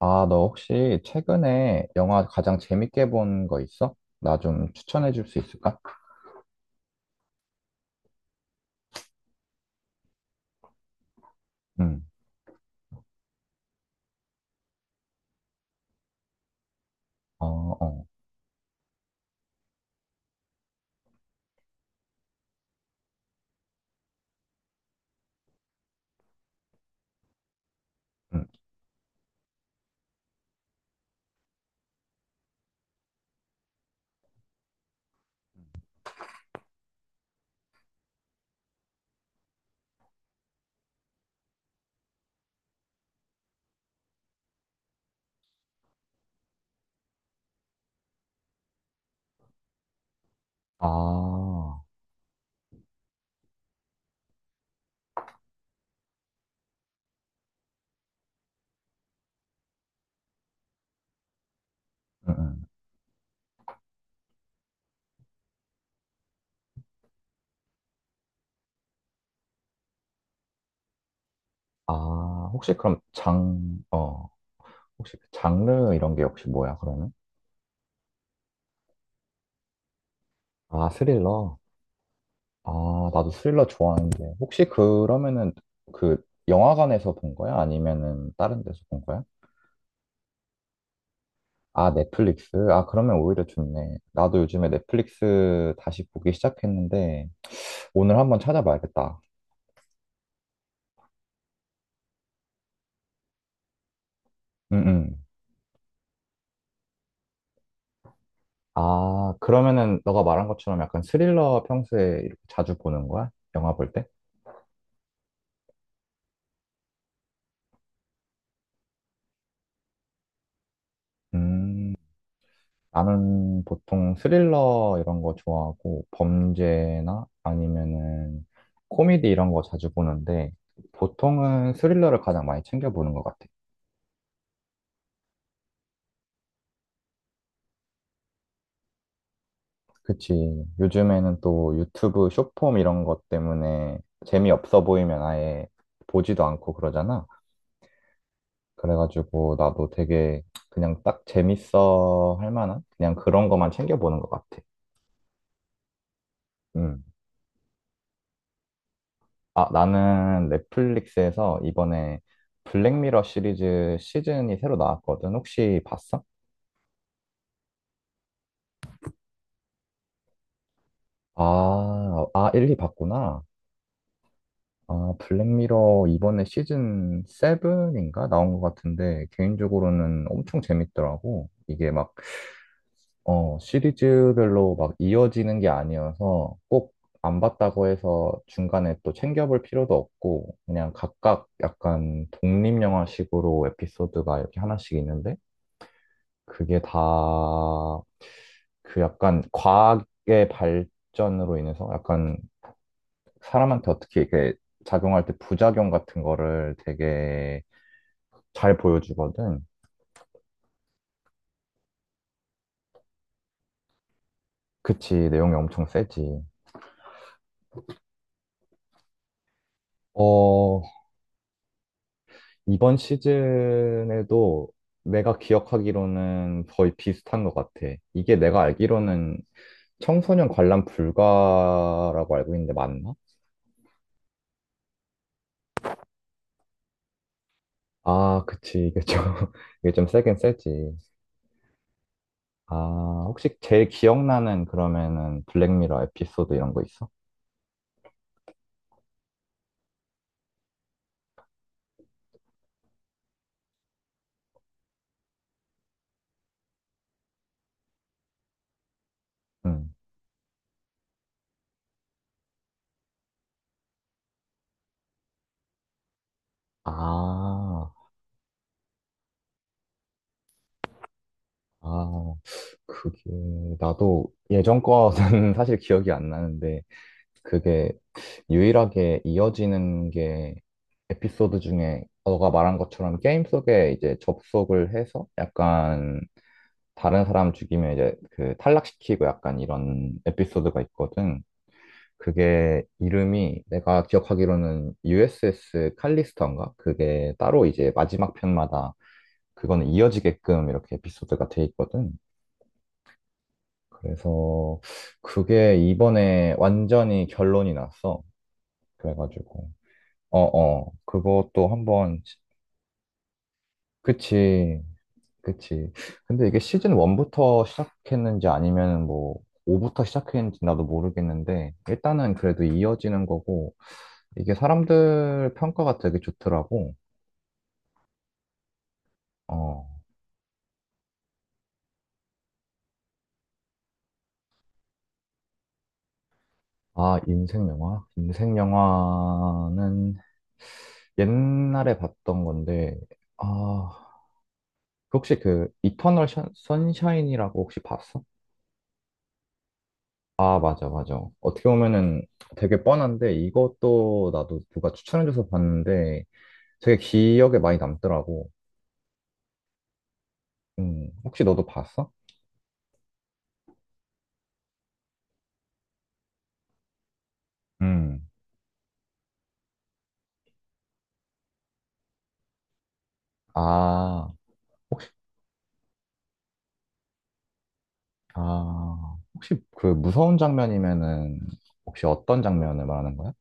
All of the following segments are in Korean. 아, 너 혹시 최근에 영화 가장 재밌게 본 거 있어? 나 좀 추천해 줄 수 있을까? 응, 어, 어, 응. 아, 응, 응. 아, 혹시 그럼 혹시 그 장르 이런 게 혹시 뭐야, 그러면? 아, 스릴러? 아, 나도 스릴러 좋아하는데. 혹시 그러면은 그 영화관에서 본 거야? 아니면은 다른 데서 본 거야? 아, 넷플릭스? 아, 그러면 오히려 좋네. 나도 요즘에 넷플릭스 다시 보기 시작했는데, 오늘 한번 찾아봐야겠다. 응, 응. 아, 그러면은 너가 말한 것처럼 약간 스릴러 평소에 이렇게 자주 보는 거야? 영화 볼 때? 음, 나는 보통 스릴러 이런 거 좋아하고 범죄나 아니면은 코미디 이런 거 자주 보는데 보통은 스릴러를 가장 많이 챙겨보는 것 같아. 그치. 요즘에는 또 유튜브 쇼폼 이런 것 때문에 재미없어 보이면 아예 보지도 않고 그러잖아. 그래가지고 나도 되게 그냥 딱 재밌어 할 만한 그냥 그런 것만 챙겨보는 것 같아. 음. 아, 나는 넷플릭스에서 이번에 블랙미러 시리즈 시즌이 새로 나왔거든. 혹시 봤어? 아, 아, 1, 2 봤구나. 아, 블랙미러 이번에 시즌 7인가 나온 것 같은데 개인적으로는 엄청 재밌더라고. 이게 막 어, 시리즈별로 막 이어지는 게 아니어서 꼭 안 봤다고 해서 중간에 또 챙겨볼 필요도 없고 그냥 각각 약간 독립영화식으로 에피소드가 이렇게 하나씩 있는데 그게 다 그 약간 과학의 발전으로 인해서 약간 사람한테 어떻게 이렇게 작용할 때 부작용 같은 거를 되게 잘 보여주거든. 그치, 내용이 엄청 세지. 어, 이번 시즌에도 내가 기억하기로는 거의 비슷한 것 같아. 이게 내가 알기로는 청소년 관람 불가라고 알고 있는데 맞나? 아, 그치. 이게 좀, 이게 좀 세긴 세지. 아, 혹시 제일 기억나는 그러면은 블랙미러 에피소드 이런 거 있어? 응. 아, 아, 그게, 나도 예전 거는 사실 기억이 안 나는데, 그게 유일하게 이어지는 게 에피소드 중에 너가 말한 것처럼 게임 속에 이제 접속을 해서 약간 다른 사람 죽이면 이제 그 탈락시키고 약간 이런 에피소드가 있거든. 그게 이름이 내가 기억하기로는 USS 칼리스터인가? 그게 따로 이제 마지막 편마다 그거는 이어지게끔 이렇게 에피소드가 돼 있거든. 그래서 그게 이번에 완전히 결론이 났어. 그래가지고. 어어 그것도 한번 시- 그치 그치. 근데 이게 시즌 1부터 시작했는지 아니면 뭐 5부터 시작했는지 나도 모르겠는데 일단은 그래도 이어지는 거고 이게 사람들 평가가 되게 좋더라고. 어아 인생 영화 인생 영화는 옛날에 봤던 건데 아 그 혹시 그 이터널 션- 선샤인이라고 혹시 봤어? 아, 맞아, 맞아. 어떻게 보면은 되게 뻔한데 이것도 나도 누가 추천해줘서 봤는데 되게 기억에 많이 남더라고. 혹시 너도 봤어? 음. 아, 혹시, 혹시 그 무서운 장면이면은 혹시 어떤 장면을 말하는 거야?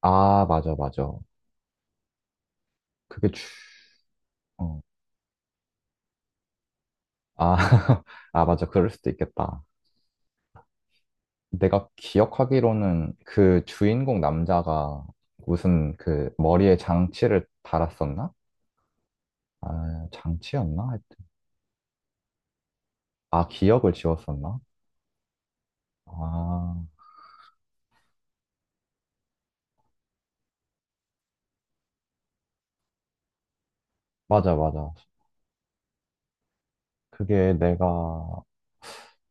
아, 맞아, 맞아. 그게 주, 어. 아, 아, 맞아. 그럴 수도 있겠다. 내가 기억하기로는 그 주인공 남자가 무슨 그 머리에 장치를 달았었나? 아, 장치였나? 하여튼. 아, 기억을 지웠었나? 아, 맞아, 맞아. 그게 내가,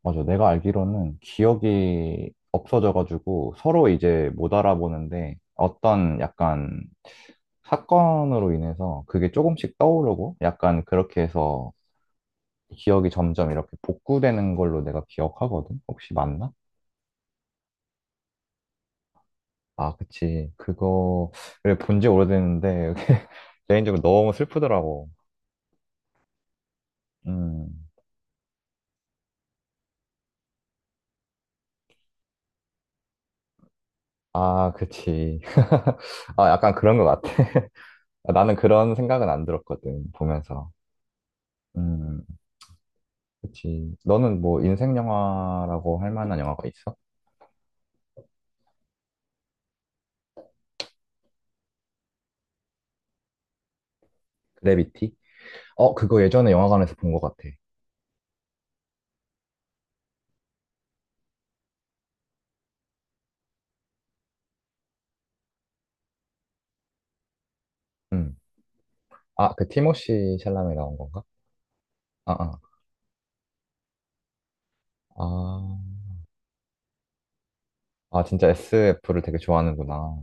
맞아. 내가 알기로는 기억이 없어져가지고 서로 이제 못 알아보는데 어떤 약간 사건으로 인해서 그게 조금씩 떠오르고 약간 그렇게 해서 기억이 점점 이렇게 복구되는 걸로 내가 기억하거든? 혹시 맞나? 아, 그치. 그거, 그래, 본지 오래됐는데 개인적으로 너무 슬프더라고. 음. 아, 그치. 아, 약간 그런 것 같아. 아, 나는 그런 생각은 안 들었거든, 보면서. 음, 그치. 너는 뭐 인생 영화라고 할 만한 영화가 있어? 그래비티? 어, 그거 예전에 영화관에서 본 것 같아. 음. 아, 그 티모시 샬라메 나온 건가? 아, 아. 아, 진짜 SF를 되게 좋아하는구나.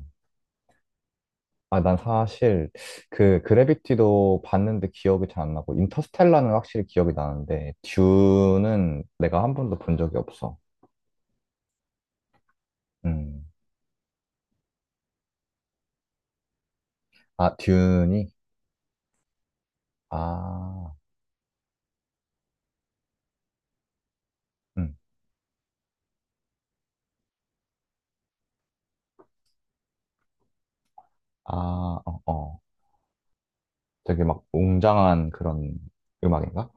아, 난 사실 그 그래비티도 봤는데 기억이 잘 안 나고, 인터스텔라는 확실히 기억이 나는데, 듀는 내가 한 번도 본 적이 없어. 음. 아, 듄이? 아, 응. 아, 어, 어. 되게 막 웅장한 그런 음악인가?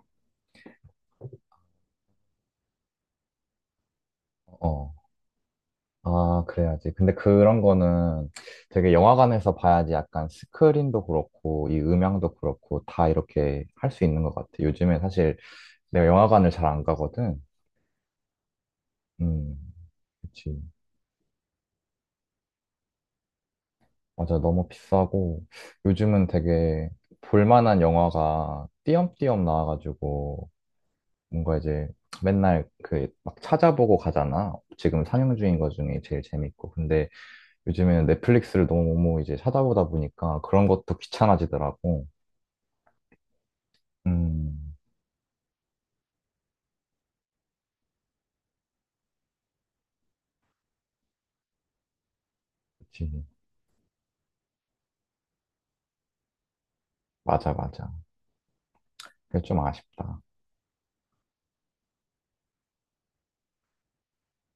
어. 아, 그래야지. 근데 그런 거는 되게 영화관에서 봐야지 약간 스크린도 그렇고, 이 음향도 그렇고, 다 이렇게 할 수 있는 것 같아. 요즘에 사실 내가 영화관을 잘 안 가거든. 음, 그치. 맞아. 너무 비싸고, 요즘은 되게 볼만한 영화가 띄엄띄엄 나와가지고, 뭔가 이제 맨날 그 막 찾아보고 가잖아. 지금 상영 중인 것 중에 제일 재밌고. 근데 요즘에는 넷플릭스를 너무 이제 찾아보다 보니까 그런 것도 귀찮아지더라고. 음, 그치. 맞아, 맞아. 그게 좀 아쉽다.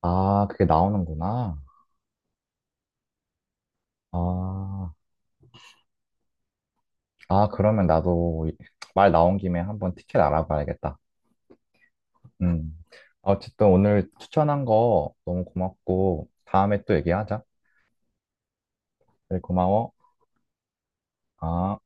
아, 그게 나오는구나. 아, 그러면 나도 이- 말 나온 김에 한번 티켓 알아봐야겠다. 음. 어쨌든 오늘 추천한 거 너무 고맙고, 다음에 또 얘기하자. 그래, 고마워. 아.